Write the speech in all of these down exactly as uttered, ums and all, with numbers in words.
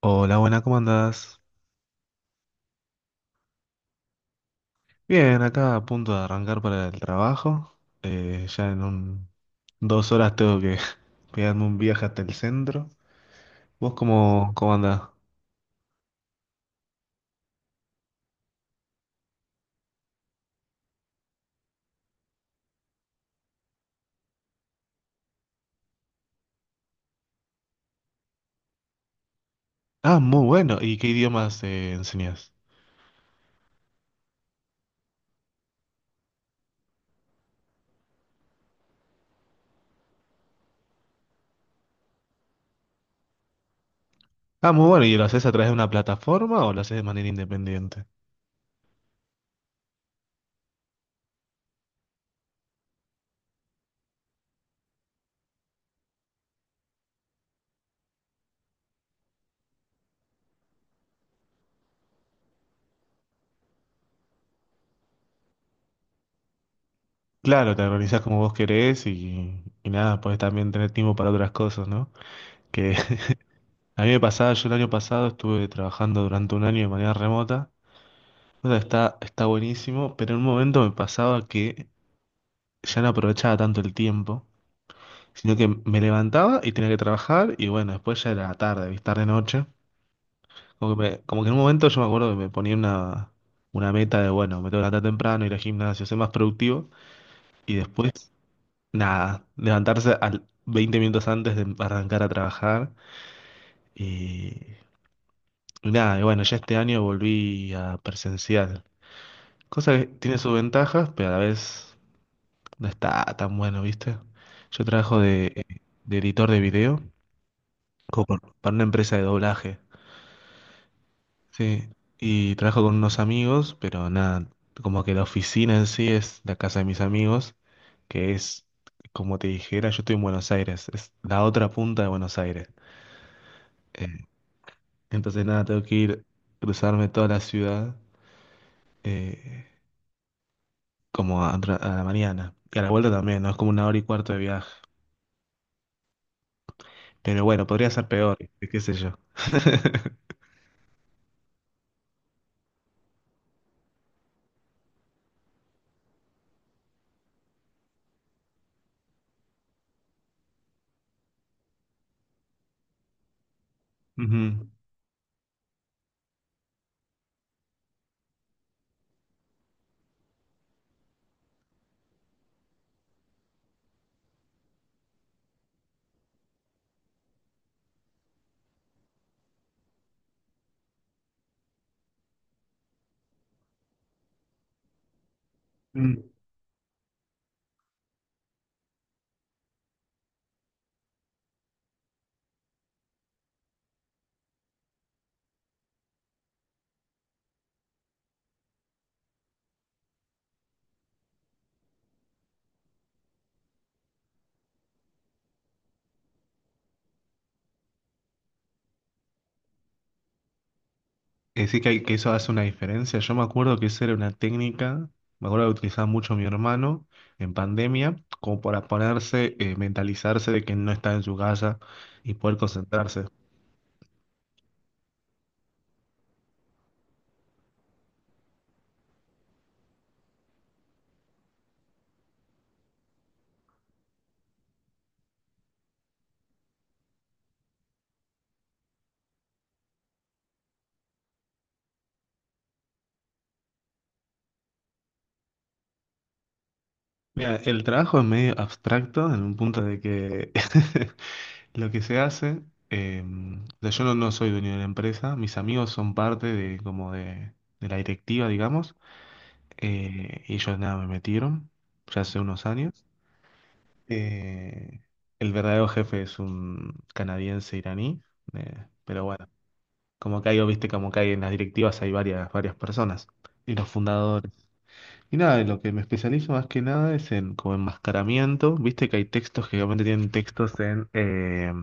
Hola, buena, ¿cómo andás? Bien, acá a punto de arrancar para el trabajo. Eh, ya en un, dos horas tengo que pegarme un viaje hasta el centro. ¿Vos cómo, cómo andás? Ah, muy bueno. ¿Y qué idiomas eh, enseñás? Ah, muy bueno. ¿Y lo haces a través de una plataforma o lo haces de manera independiente? Claro, te organizás como vos querés y, y nada, podés también tener tiempo para otras cosas, ¿no? Que a mí me pasaba, yo el año pasado estuve trabajando durante un año de manera remota. O sea, está, está buenísimo, pero en un momento me pasaba que ya no aprovechaba tanto el tiempo, sino que me levantaba y tenía que trabajar y bueno, después ya era tarde, ¿viste? Tarde noche. Como que, me- como que en un momento yo me acuerdo que me ponía una, una meta de, bueno, me tengo que levantar temprano, ir al gimnasio, ser más productivo y después, nada, levantarse al veinte minutos antes de arrancar a trabajar y, y nada, y bueno, ya este año volví a presencial, cosa que tiene sus ventajas, pero a la vez. No está tan bueno, ¿viste? Yo trabajo de, de editor de video co- con- para una empresa de doblaje. Sí, y trabajo con unos amigos, pero nada, como que la oficina en sí es la casa de mis amigos, que es, como te dijera, yo estoy en Buenos Aires, es la otra punta de Buenos Aires. Eh, entonces nada, tengo que ir, cruzarme toda la ciudad, eh, como a, otra- a la mañana. Y a la vuelta también, ¿no? Es como una hora y cuarto de viaje. Pero bueno, podría ser peor, qué sé yo. Ujú. Mm. Es decir, que, hay- que eso hace una diferencia. Yo me acuerdo que esa era una técnica, me acuerdo que utilizaba mucho mi hermano en pandemia, como para ponerse, eh, mentalizarse de que no está en su casa y poder concentrarse. Mira, el trabajo es medio abstracto en un punto de que lo que se hace, eh, o sea, yo no, no soy dueño de la empresa, mis amigos son parte de, como de, de la directiva, digamos, eh, y ellos nada, me metieron ya hace unos años. Eh, el verdadero jefe es un canadiense iraní, eh, pero bueno, como que hay, viste, como que hay en las directivas hay varias, varias personas y los fundadores. Y nada, en lo que me especializo más que nada es en como enmascaramiento, viste que hay textos que obviamente tienen textos en, eh,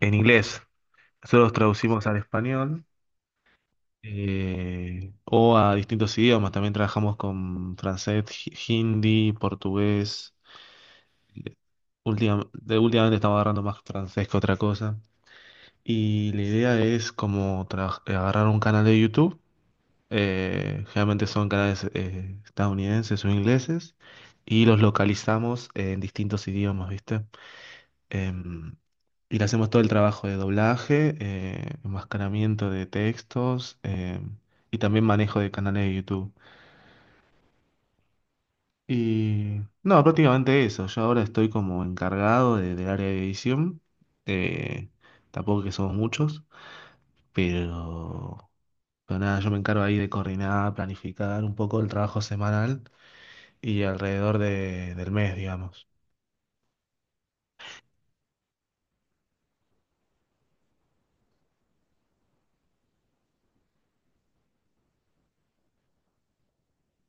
en inglés, nosotros los traducimos al español. eh, o a distintos idiomas, también trabajamos con francés, hi- hindi, portugués. Última- de- últimamente estamos agarrando más francés que otra cosa. Y la idea es como tra- agarrar un canal de YouTube, eh, generalmente son canales eh, estadounidenses o ingleses, y los localizamos en distintos idiomas, ¿viste? Em, y le hacemos todo el trabajo de doblaje, eh, enmascaramiento de textos, em, y también manejo de canales de YouTube. Y no, prácticamente eso. Yo ahora estoy como encargado de- del área de edición. eh, tampoco que somos muchos, pero. Pero nada, yo me encargo ahí de coordinar, planificar un poco el trabajo semanal y alrededor de- del mes, digamos.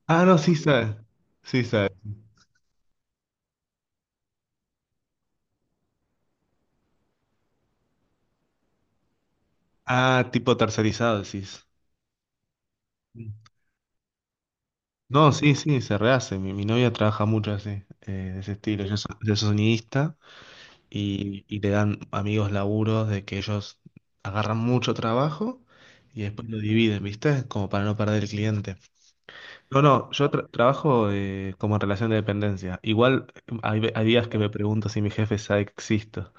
Ah, no, sí sabes. Sí sabes. Ah, tipo tercerizado, decís. Mm. No, sí, sí, se rehace. Mi, mi novia trabaja mucho así, eh, de ese estilo. Yo soy, yo soy sonidista y, y le dan amigos laburos de que ellos agarran mucho trabajo y después lo dividen, ¿viste? Como para no perder el cliente. No, no, yo tra- trabajo eh, como en relación de dependencia. Igual eh, hay, ve- hay días que me pregunto si mi jefe sabe que existo.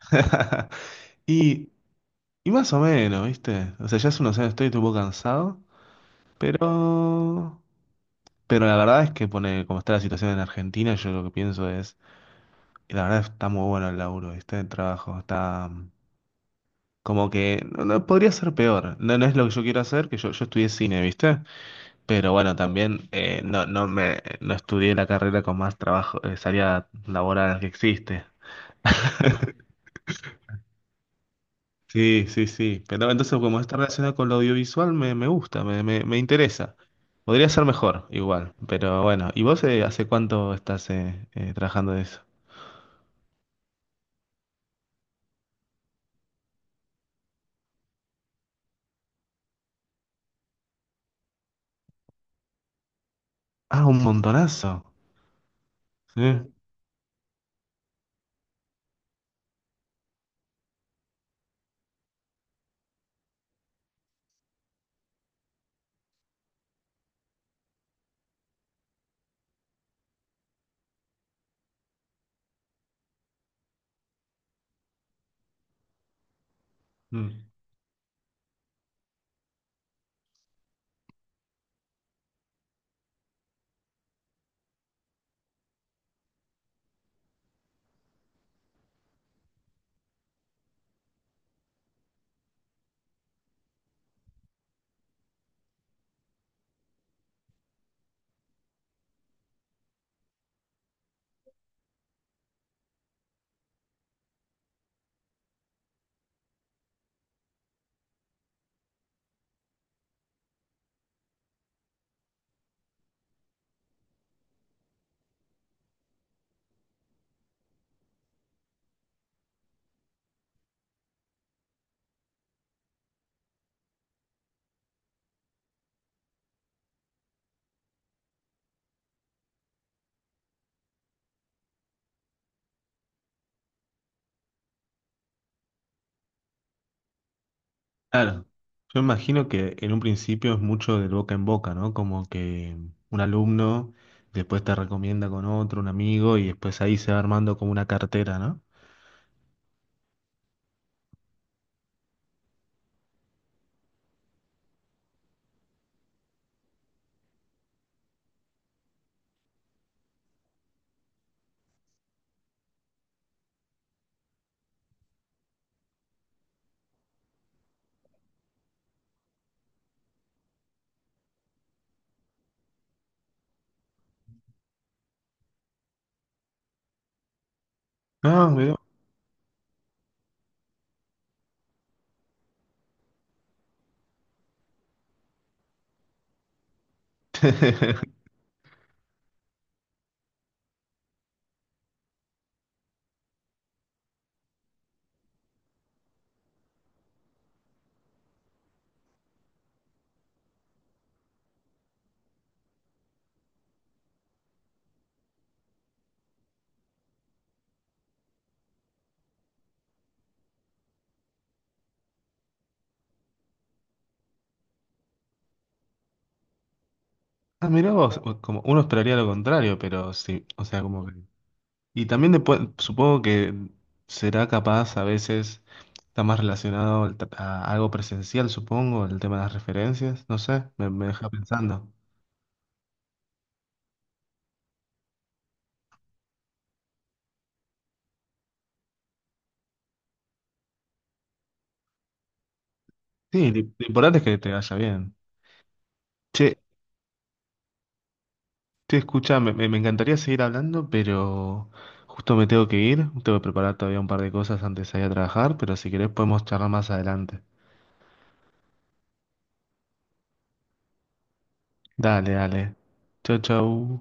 Y, y más o menos, ¿viste? O sea, ya hace unos años estoy un poco cansado, pero. Pero la verdad es que pone, como está la situación en Argentina, yo lo que pienso es, y la verdad está muy bueno el laburo, ¿viste? El trabajo está mm, como que no, no, podría ser peor. No, no es lo que yo quiero hacer, que yo, yo estudié cine, ¿viste? Pero bueno, también eh, no, no me no estudié la carrera con más trabajo, eh, salida laboral que existe. Sí, sí, sí. Pero entonces, como está relacionado con lo audiovisual, me, me gusta, me, me, me interesa. Podría ser mejor, igual. Pero bueno, ¿y vos eh, hace cuánto estás eh, eh, trabajando de eso? Ah, un montonazo. Sí. Mm. Claro, yo imagino que en un principio es mucho del boca en boca, ¿no? Como que un alumno después te recomienda con otro, un amigo, y después ahí se va armando como una cartera, ¿no? Ah, mirá. Ah, mirá vos, o- como uno esperaría lo contrario, pero sí, o sea, como que. Y también después, supongo que será capaz a veces, está más relacionado al tra- a algo presencial, supongo, el tema de las referencias, no sé, me, me deja pensando. Sí, lo importante es que te vaya bien. Che, sí, escucha, me, me- me encantaría seguir hablando, pero justo me tengo que ir. Tengo que preparar todavía un par de cosas antes de ir a trabajar, pero si querés podemos charlar más adelante. Dale, dale. Chau, chau.